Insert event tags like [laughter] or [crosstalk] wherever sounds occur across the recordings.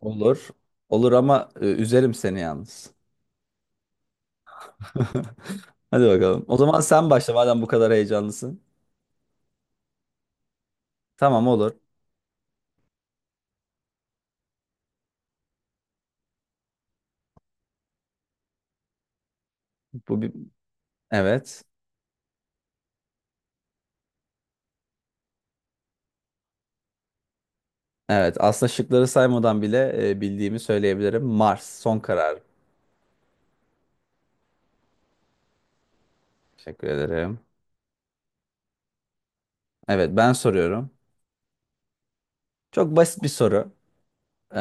Olur. Olur ama üzerim seni yalnız. [laughs] Hadi bakalım. O zaman sen başla madem bu kadar heyecanlısın. Tamam olur. Bu bir... Evet. Evet. Aslında şıkları saymadan bile bildiğimi söyleyebilirim. Mars. Son karar. Teşekkür ederim. Evet, ben soruyorum. Çok basit bir soru. Ee,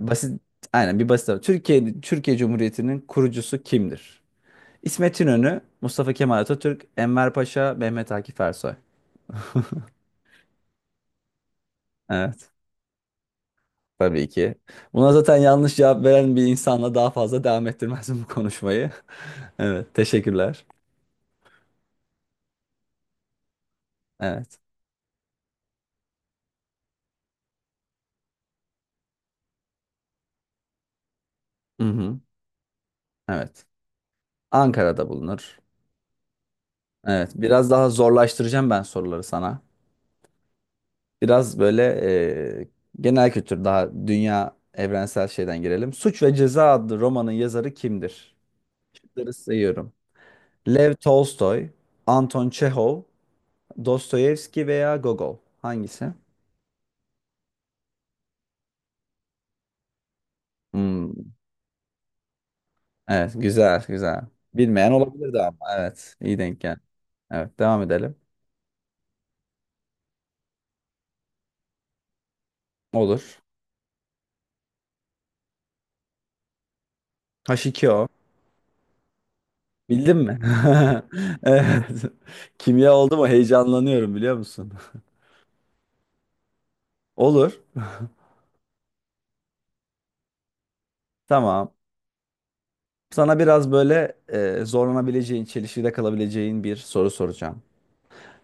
basit. Aynen bir basit soru. Türkiye Cumhuriyeti'nin kurucusu kimdir? İsmet İnönü, Mustafa Kemal Atatürk, Enver Paşa, Mehmet Akif Ersoy. [laughs] Evet. Tabii ki. Buna zaten yanlış cevap veren bir insanla daha fazla devam ettirmezdim bu konuşmayı. [laughs] Evet, teşekkürler. Evet. Hı hı. Evet. Ankara'da bulunur. Evet, biraz daha zorlaştıracağım ben soruları sana. Biraz böyle e, genel kültür, daha dünya evrensel şeyden girelim. Suç ve Ceza adlı romanın yazarı kimdir? Şıkları sayıyorum. Lev Tolstoy, Anton Çehov, Dostoyevski veya Gogol. Hangisi? Hmm, evet, güzel, güzel. Bilmeyen tamam olabilirdi ama. Evet, iyi denk geldi. Evet, devam edelim. Olur. H2O. Bildin mi? [laughs] Evet. Kimya oldu mu? Heyecanlanıyorum, biliyor musun? [laughs] Olur. Tamam. Sana biraz böyle zorlanabileceğin, çelişkide kalabileceğin bir soru soracağım.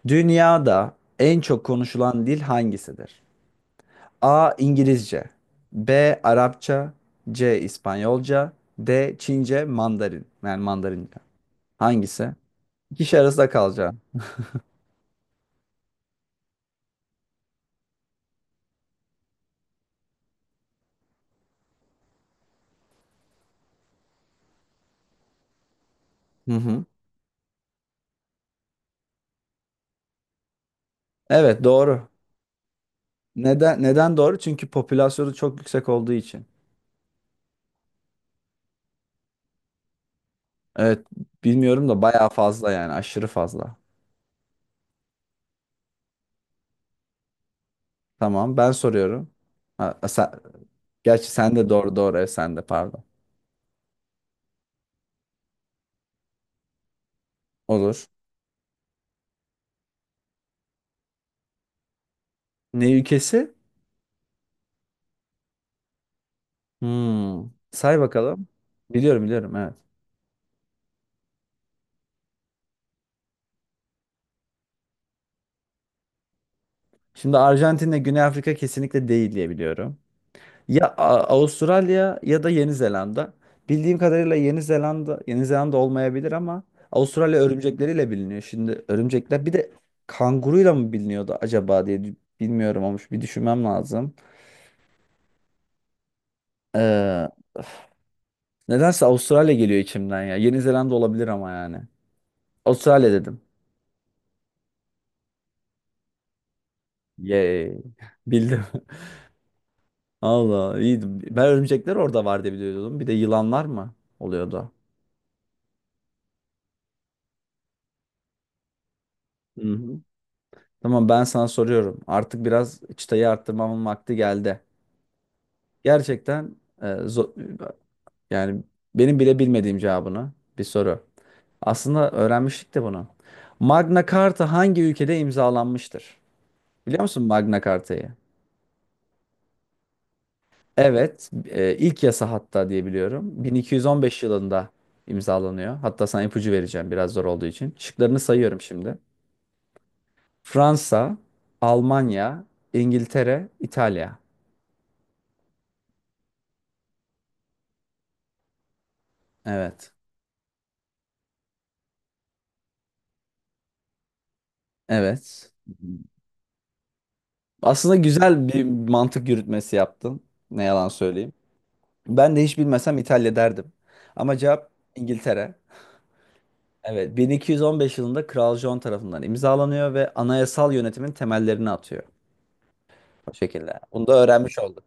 Dünyada en çok konuşulan dil hangisidir? A. İngilizce. B. Arapça. C. İspanyolca. D. Çince, Mandarin. Yani Mandarinca. Hangisi? Kişi arasında kalacağım. Hı hı. Evet, doğru. Neden doğru? Çünkü popülasyonu çok yüksek olduğu için. Evet, bilmiyorum da bayağı fazla, yani aşırı fazla. Tamam, ben soruyorum. Ha, sen, gerçi sen de doğru, doğru, evet, sen de pardon. Olur. Ne ülkesi? Hmm. Say bakalım. Biliyorum, biliyorum, evet. Şimdi Arjantin'le Güney Afrika kesinlikle değil diye biliyorum. Ya Avustralya ya da Yeni Zelanda. Bildiğim kadarıyla Yeni Zelanda olmayabilir ama Avustralya örümcekleriyle biliniyor. Şimdi örümcekler bir de kanguruyla mı biliniyordu acaba diye bilmiyorum olmuş. Bir düşünmem lazım. Ee, nedense Avustralya geliyor içimden ya. Yeni Zelanda olabilir ama yani. Avustralya dedim. Yay. [laughs] Bildim. [laughs] Allah iyiydi. Ben örümcekler orada var diye biliyordum. Bir de yılanlar mı oluyordu? Hı hı. Tamam, ben sana soruyorum. Artık biraz çıtayı arttırmamın vakti geldi. Gerçekten e, zo- yani benim bile bilmediğim cevabını bir soru. Aslında öğrenmiştik de bunu. Magna Carta hangi ülkede imzalanmıştır? Biliyor musun Magna Carta'yı? Evet, ilk yasa hatta diye biliyorum. 1215 yılında imzalanıyor. Hatta sana ipucu vereceğim biraz zor olduğu için. Şıklarını sayıyorum şimdi. Fransa, Almanya, İngiltere, İtalya. Evet. Evet. Aslında güzel bir mantık yürütmesi yaptın. Ne yalan söyleyeyim. Ben de hiç bilmesem İtalya derdim. Ama cevap İngiltere. Evet, 1215 yılında Kral John tarafından imzalanıyor ve anayasal yönetimin temellerini atıyor. O şekilde. Bunu da öğrenmiş olduk.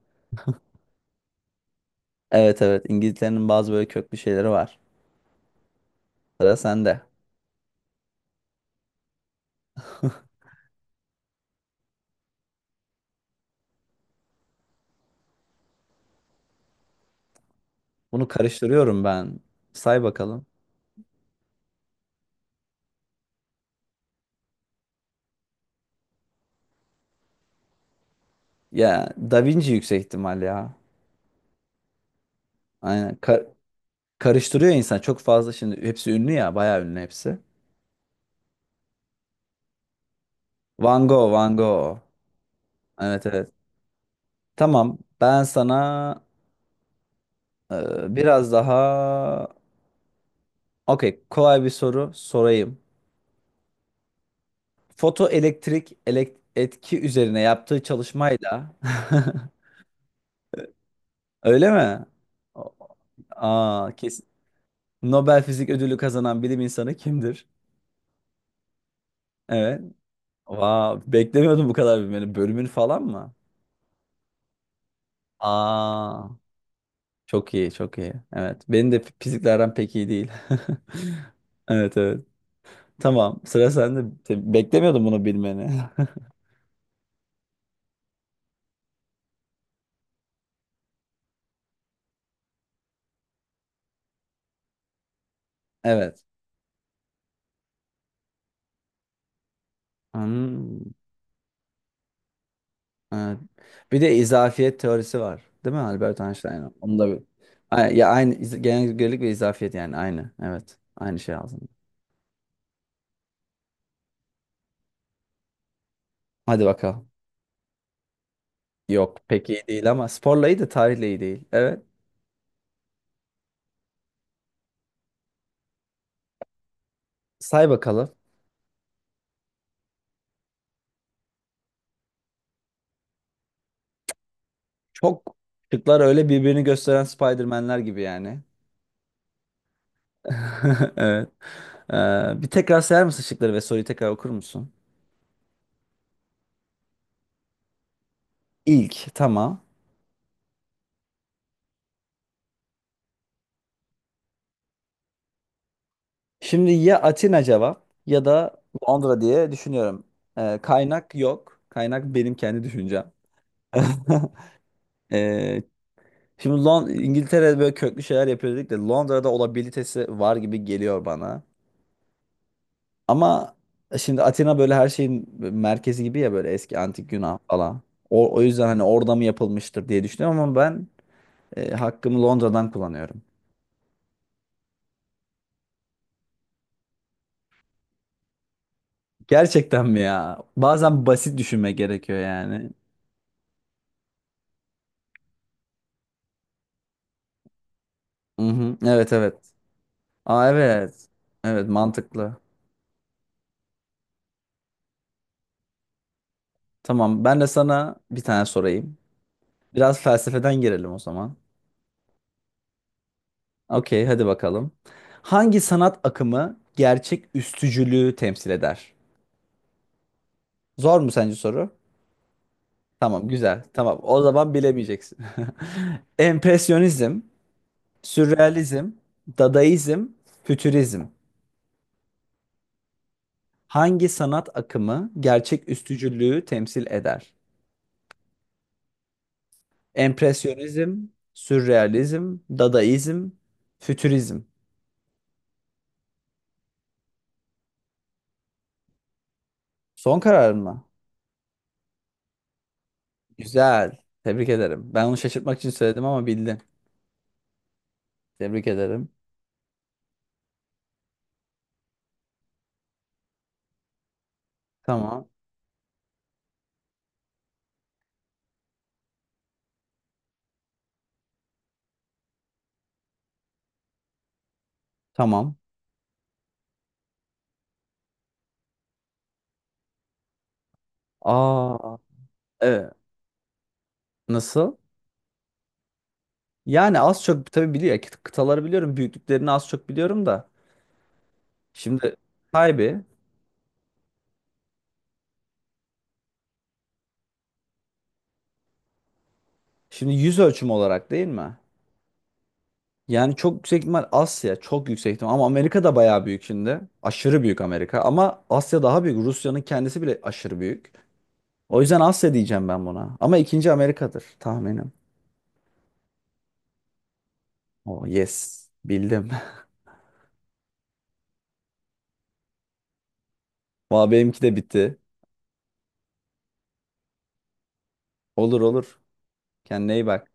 Evet, evet, İngiltere'nin bazı böyle köklü şeyleri var. Sıra sende. Bunu karıştırıyorum ben. Say bakalım. Ya Da Vinci yüksek ihtimal ya. Aynen. Karıştırıyor insan çok fazla, şimdi hepsi ünlü ya, bayağı ünlü hepsi. Van Gogh, Van Gogh. Evet, evet. Tamam. Ben sana biraz daha okey kolay bir soru sorayım. Fotoelektrik etki üzerine yaptığı çalışmayla [laughs] öyle mi? O- Aa, kesin. Nobel Fizik Ödülü kazanan bilim insanı kimdir? Evet. Wow, beklemiyordum bu kadar bilmeni. Bölümün falan mı? Aa, çok iyi, çok iyi. Evet. Benim de fiziklerden pek iyi değil. [laughs] Evet, evet. Tamam, sıra sende. Beklemiyordum bunu bilmeni. [laughs] Evet. Hmm, evet. Bir de izafiyet teorisi var. Değil mi Albert Einstein'ın? Onu da bir. Ya aynı genelgelik ve izafiyet, yani aynı. Evet. Aynı şey aslında. Hadi bakalım. Yok, pek iyi değil ama sporla iyi de tarihle iyi değil. Evet. Say bakalım. Çok, şıklar öyle birbirini gösteren Spider-Man'ler gibi yani. [laughs] Evet. Bir tekrar sayar mısın şıkları ve soruyu tekrar okur musun? İlk, tamam. Şimdi ya Atina cevap ya da Londra diye düşünüyorum. Kaynak yok. Kaynak benim kendi düşüncem. [laughs] Ee, şimdi İngiltere'de böyle köklü şeyler yapıyor dedik de Londra'da olabilitesi var gibi geliyor bana. Ama şimdi Atina böyle her şeyin merkezi gibi ya, böyle eski antik Yunan falan. O yüzden hani orada mı yapılmıştır diye düşünüyorum ama ben hakkımı Londra'dan kullanıyorum. Gerçekten mi ya? Bazen basit düşünme gerekiyor yani. Mhm. Evet, evet. Aa, evet. Evet, mantıklı. Tamam, ben de sana bir tane sorayım. Biraz felsefeden girelim o zaman. Okey, hadi bakalım. Hangi sanat akımı gerçek üstücülüğü temsil eder? Zor mu sence soru? Tamam, güzel. Tamam, o zaman bilemeyeceksin. [laughs] Empresyonizm, sürrealizm, dadaizm, fütürizm. Hangi sanat akımı gerçek üstücülüğü temsil eder? Empresyonizm, sürrealizm, dadaizm, fütürizm. Son kararın mı? Güzel. Tebrik ederim. Ben onu şaşırtmak için söyledim ama bildin. Tebrik ederim. Tamam. Tamam. Aa, evet. Nasıl? Yani az çok tabii biliyor. Kıtaları biliyorum. Büyüklüklerini az çok biliyorum da. Şimdi kaybı. Şimdi yüz ölçümü olarak değil mi? Yani çok yüksek ihtimal Asya. Çok yüksek ihtimal. Ama Amerika da bayağı büyük şimdi. Aşırı büyük Amerika. Ama Asya daha büyük. Rusya'nın kendisi bile aşırı büyük. O yüzden Asya diyeceğim ben buna. Ama ikinci Amerika'dır tahminim. Oh, yes. Bildim. [laughs] Valla benimki de bitti. Olur, olur. Kendine iyi bak.